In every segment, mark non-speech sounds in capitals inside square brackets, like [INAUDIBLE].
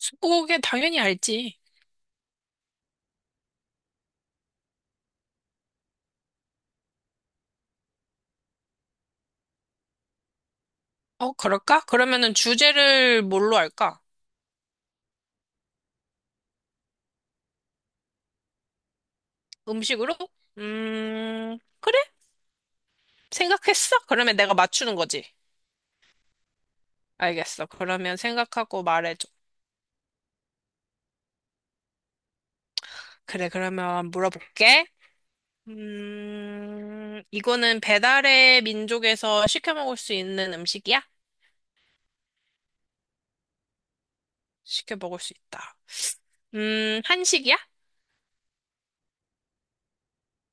스무고개 당연히 알지. 어, 그럴까? 그러면은 주제를 뭘로 할까? 음식으로? 그래? 생각했어? 그러면 내가 맞추는 거지. 알겠어. 그러면 생각하고 말해줘. 그래, 그러면 물어볼게. 이거는 배달의 민족에서 시켜 먹을 수 있는 음식이야? 시켜 먹을 수 있다. 한식이야?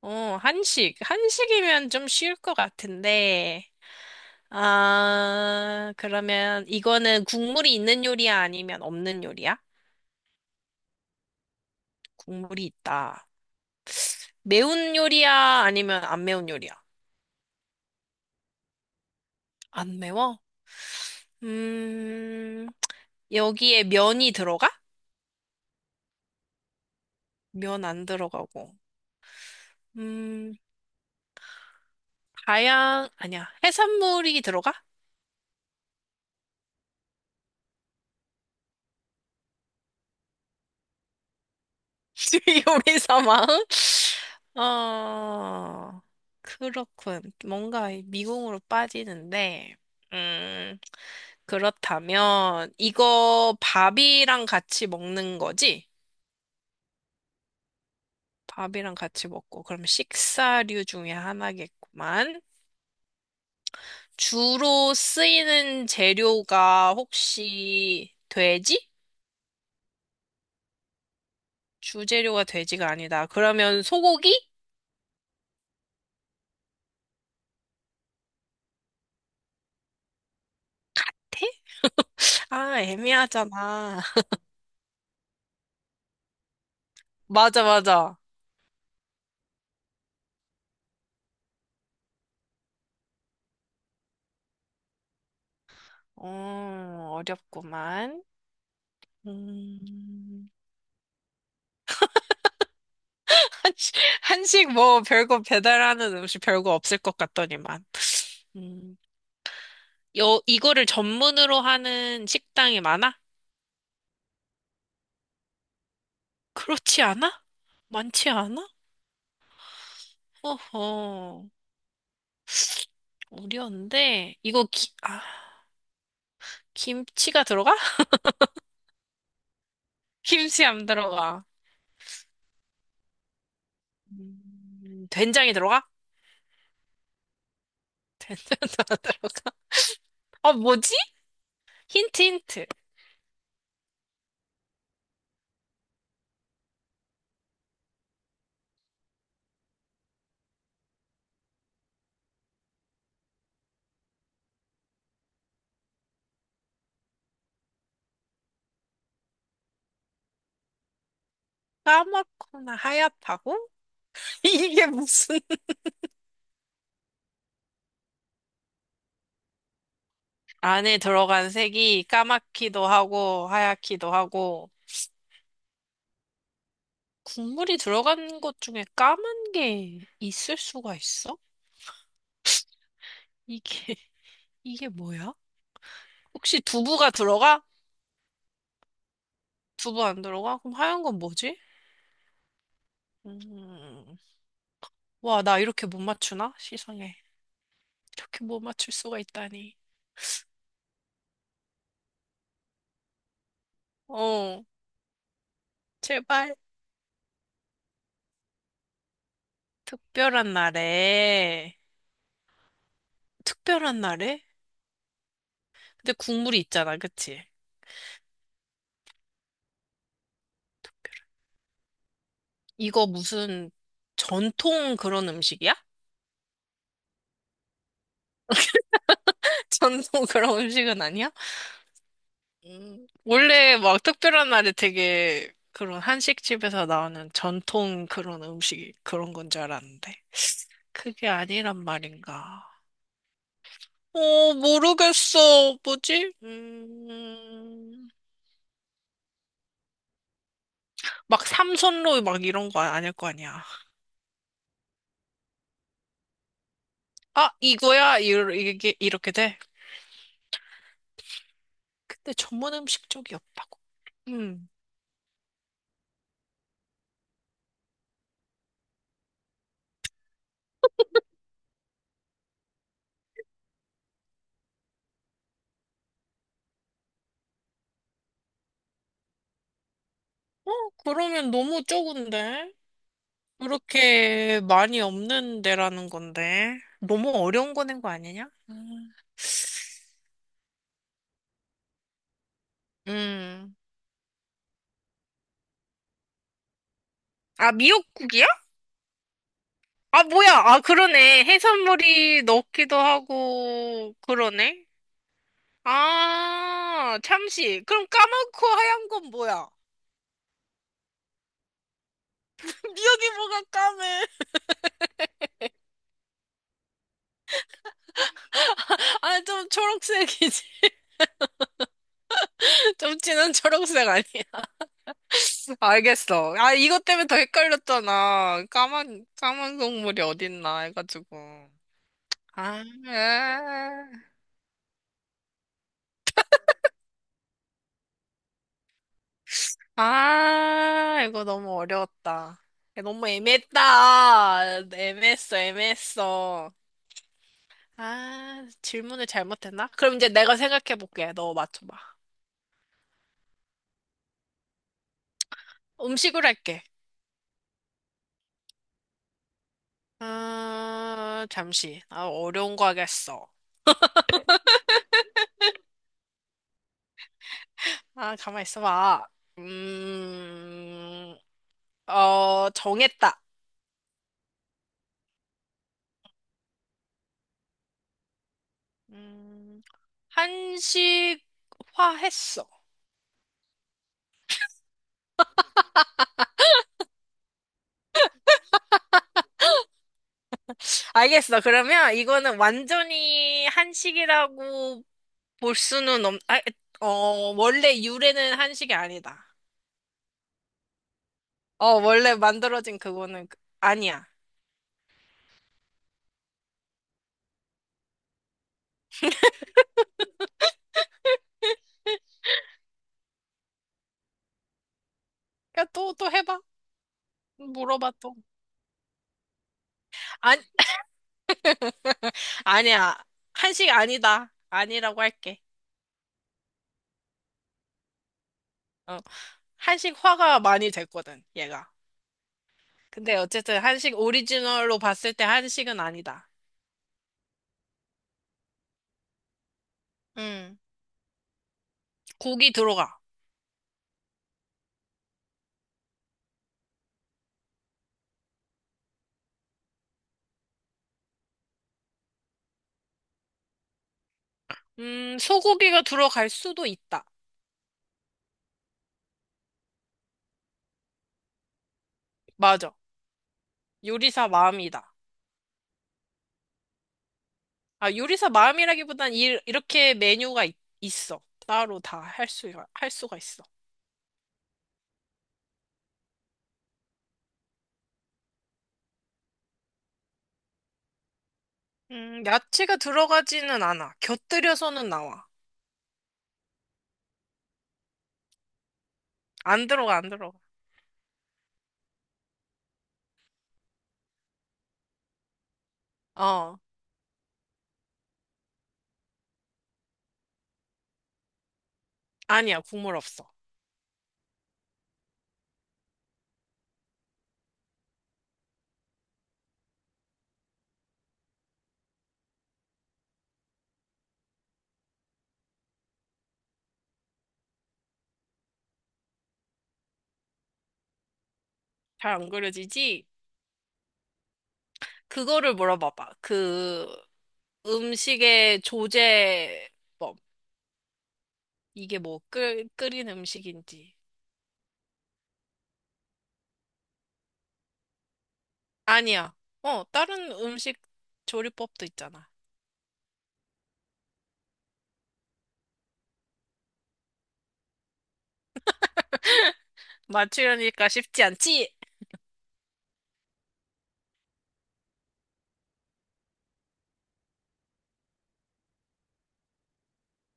어, 한식. 한식이면 좀 쉬울 것 같은데. 아, 그러면 이거는 국물이 있는 요리야 아니면 없는 요리야? 국물이 있다. 매운 요리야 아니면 안 매운 요리야? 안 매워? 음, 여기에 면이 들어가? 면 안 들어가고. 음, 아니야. 해산물이 들어가? [LAUGHS] 요리 사망? 어, 그렇군. 뭔가 미궁으로 빠지는데, 음, 그렇다면, 이거 밥이랑 같이 먹는 거지? 밥이랑 같이 먹고, 그럼 식사류 중에 하나겠구만. 주로 쓰이는 재료가 혹시 돼지? 주재료가 돼지가 아니다. 그러면 소고기? 돼? 아, 애매하잖아. [LAUGHS] 맞아, 맞아. 어렵구만. 음, [LAUGHS] 한식, 한식 뭐 별거 배달하는 음식 별거 없을 것 같더니만. 음, 이거를 전문으로 하는 식당이 많아? 그렇지 않아? 많지 않아? 어허, 어려운데. 김치가 들어가? [LAUGHS] 김치 안 들어가. 된장이 들어가? [LAUGHS] 된장도 안 들어가. 아, 뭐지? 힌트, 힌트. 까맣거나 하얗다고? [LAUGHS] 이게 무슨 안에 들어간 색이 까맣기도 하고 하얗기도 하고 국물이 들어간 것 중에 까만 게 있을 수가 있어? 이게 [LAUGHS] 이게 뭐야? 혹시 두부가 들어가? 두부 안 들어가? 그럼 하얀 건 뭐지? 음. 와, 나 이렇게 못 맞추나? 세상에. 이렇게 못 맞출 수가 있다니. 어, 제발. 특별한 날에. 특별한 날에? 근데 국물이 있잖아, 그치? 이거 무슨 전통 그런 음식이야? 전통 [LAUGHS] 그런 음식은 아니야? 원래 막 특별한 날에 되게 그런 한식집에서 나오는 전통 그런 음식 그런 건 줄 알았는데. 그게 아니란 말인가. 어, 모르겠어. 뭐지? 막 삼선로 막 이런 거 아닐 거 아니야. 아, 이거야? 이게 이렇게 돼? 근데 전문 음식 쪽이 없다고. 음. 어, 그러면 너무 적은데? 그렇게 많이 없는 데라는 건데. 너무 어려운 거낸 거 아니냐? 음. 음. 아, 미역국이야? 아, 뭐야. 아, 그러네. 해산물이 넣기도 하고, 그러네. 아, 참치. 그럼 까맣고 하얀 건 뭐야? [LAUGHS] 미역이 뭐가 까매? 아, 좀 초록색이지. [LAUGHS] 좀 진한 초록색 아니야? [LAUGHS] 알겠어. 아, 이것 때문에 더 헷갈렸잖아. 까만 국물이 어딨나 해가지고. 아, 아, 아, 이거 너무 어려웠다. 너무 애매했다. 애매했어, 애매했어. 아, 질문을 잘못했나? 그럼 이제 내가 생각해볼게. 너 맞춰봐. 음식으로 할게. 아, 잠시. 아, 어려운 거 하겠어. 아, 가만 있어봐. 음, 정했다. 음, 한식화 했어. 알겠어. 그러면 이거는 완전히 한식이라고 볼 수는 없, 아, 어, 원래 유래는 한식이 아니다. 어, 원래 만들어진 아니야. 야, 또 해봐. 물어봐, 또. 아니, [LAUGHS] 아니야. 한식 아니다. 아니라고 할게. 어, 한식화가 많이 됐거든, 얘가. 근데 어쨌든 한식 오리지널로 봤을 때 한식은 아니다. 음, 고기 들어가. 소고기가 들어갈 수도 있다. 맞아. 요리사 마음이다. 아, 요리사 마음이라기보단 이렇게 메뉴가 있어. 따로 할 수가 있어. 야채가 들어가지는 않아. 곁들여서는 나와. 안 들어가, 안 들어가. 어, 아니야, 국물 없어. 잘 안 그려지지? 그거를 물어봐봐. 그 음식의 조제법. 이게 뭐 끓인 음식인지. 아니야. 어, 다른 음식 조리법도 있잖아. 맞추려니까 쉽지 않지?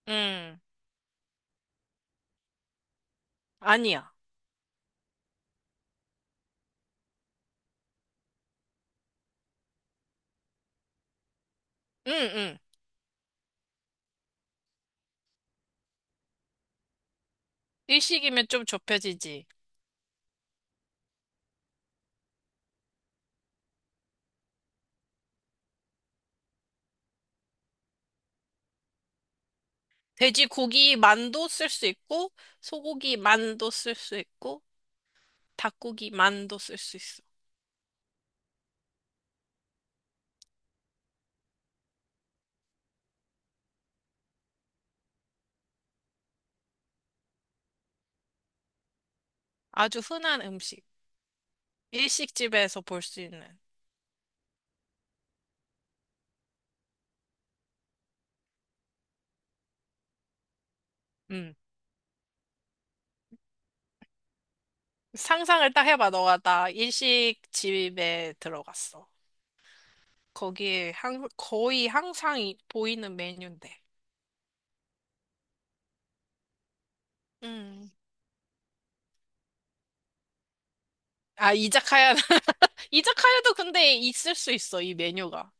음, 아니야. 응응. 일식이면 좀 좁혀지지. 돼지고기 만도 쓸 수 있고, 소고기 만도 쓸 수 있고, 닭고기 만도 쓸 수 있어. 아주 흔한 음식. 일식집에서 볼 수 있는. 음. 상상을 딱 해봐. 너가 나 일식집에 들어갔어. 거의 항상 보이는 메뉴인데. 음. 아, 이자카야. [LAUGHS] 이자카야도 근데 있을 수 있어, 이 메뉴가.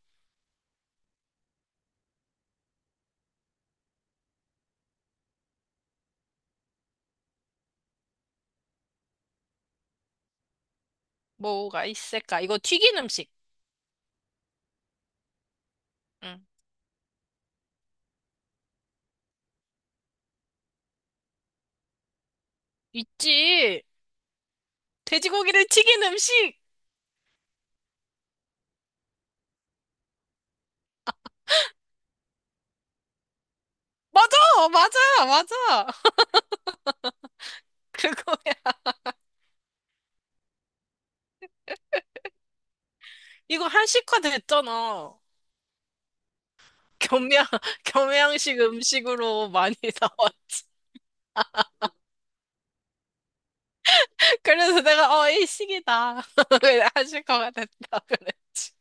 뭐가 있을까? 이거 튀긴 음식. 응. 있지. 돼지고기를 튀긴 음식! 맞아! 맞아! 맞아! [LAUGHS] 그거야. 이거 한식화 됐잖아. 겸양, [LAUGHS] 겸양식 음식으로 많이 [LAUGHS] 나왔지. 그래서 내가, 어, 일식이다. [LAUGHS] 그래, 한식화가 됐다. 그랬지.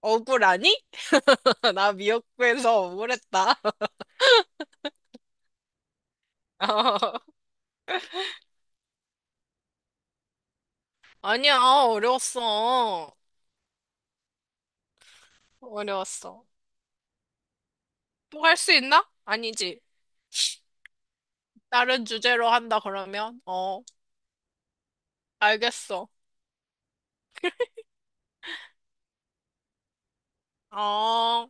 억울하니? [LAUGHS] 나 미역국에서 억울했다. [LAUGHS] 어, 아니야, 어려웠어. 어려웠어. 또 할 수 있나? 아니지. 다른 주제로 한다, 그러면? 어, 알겠어. 어.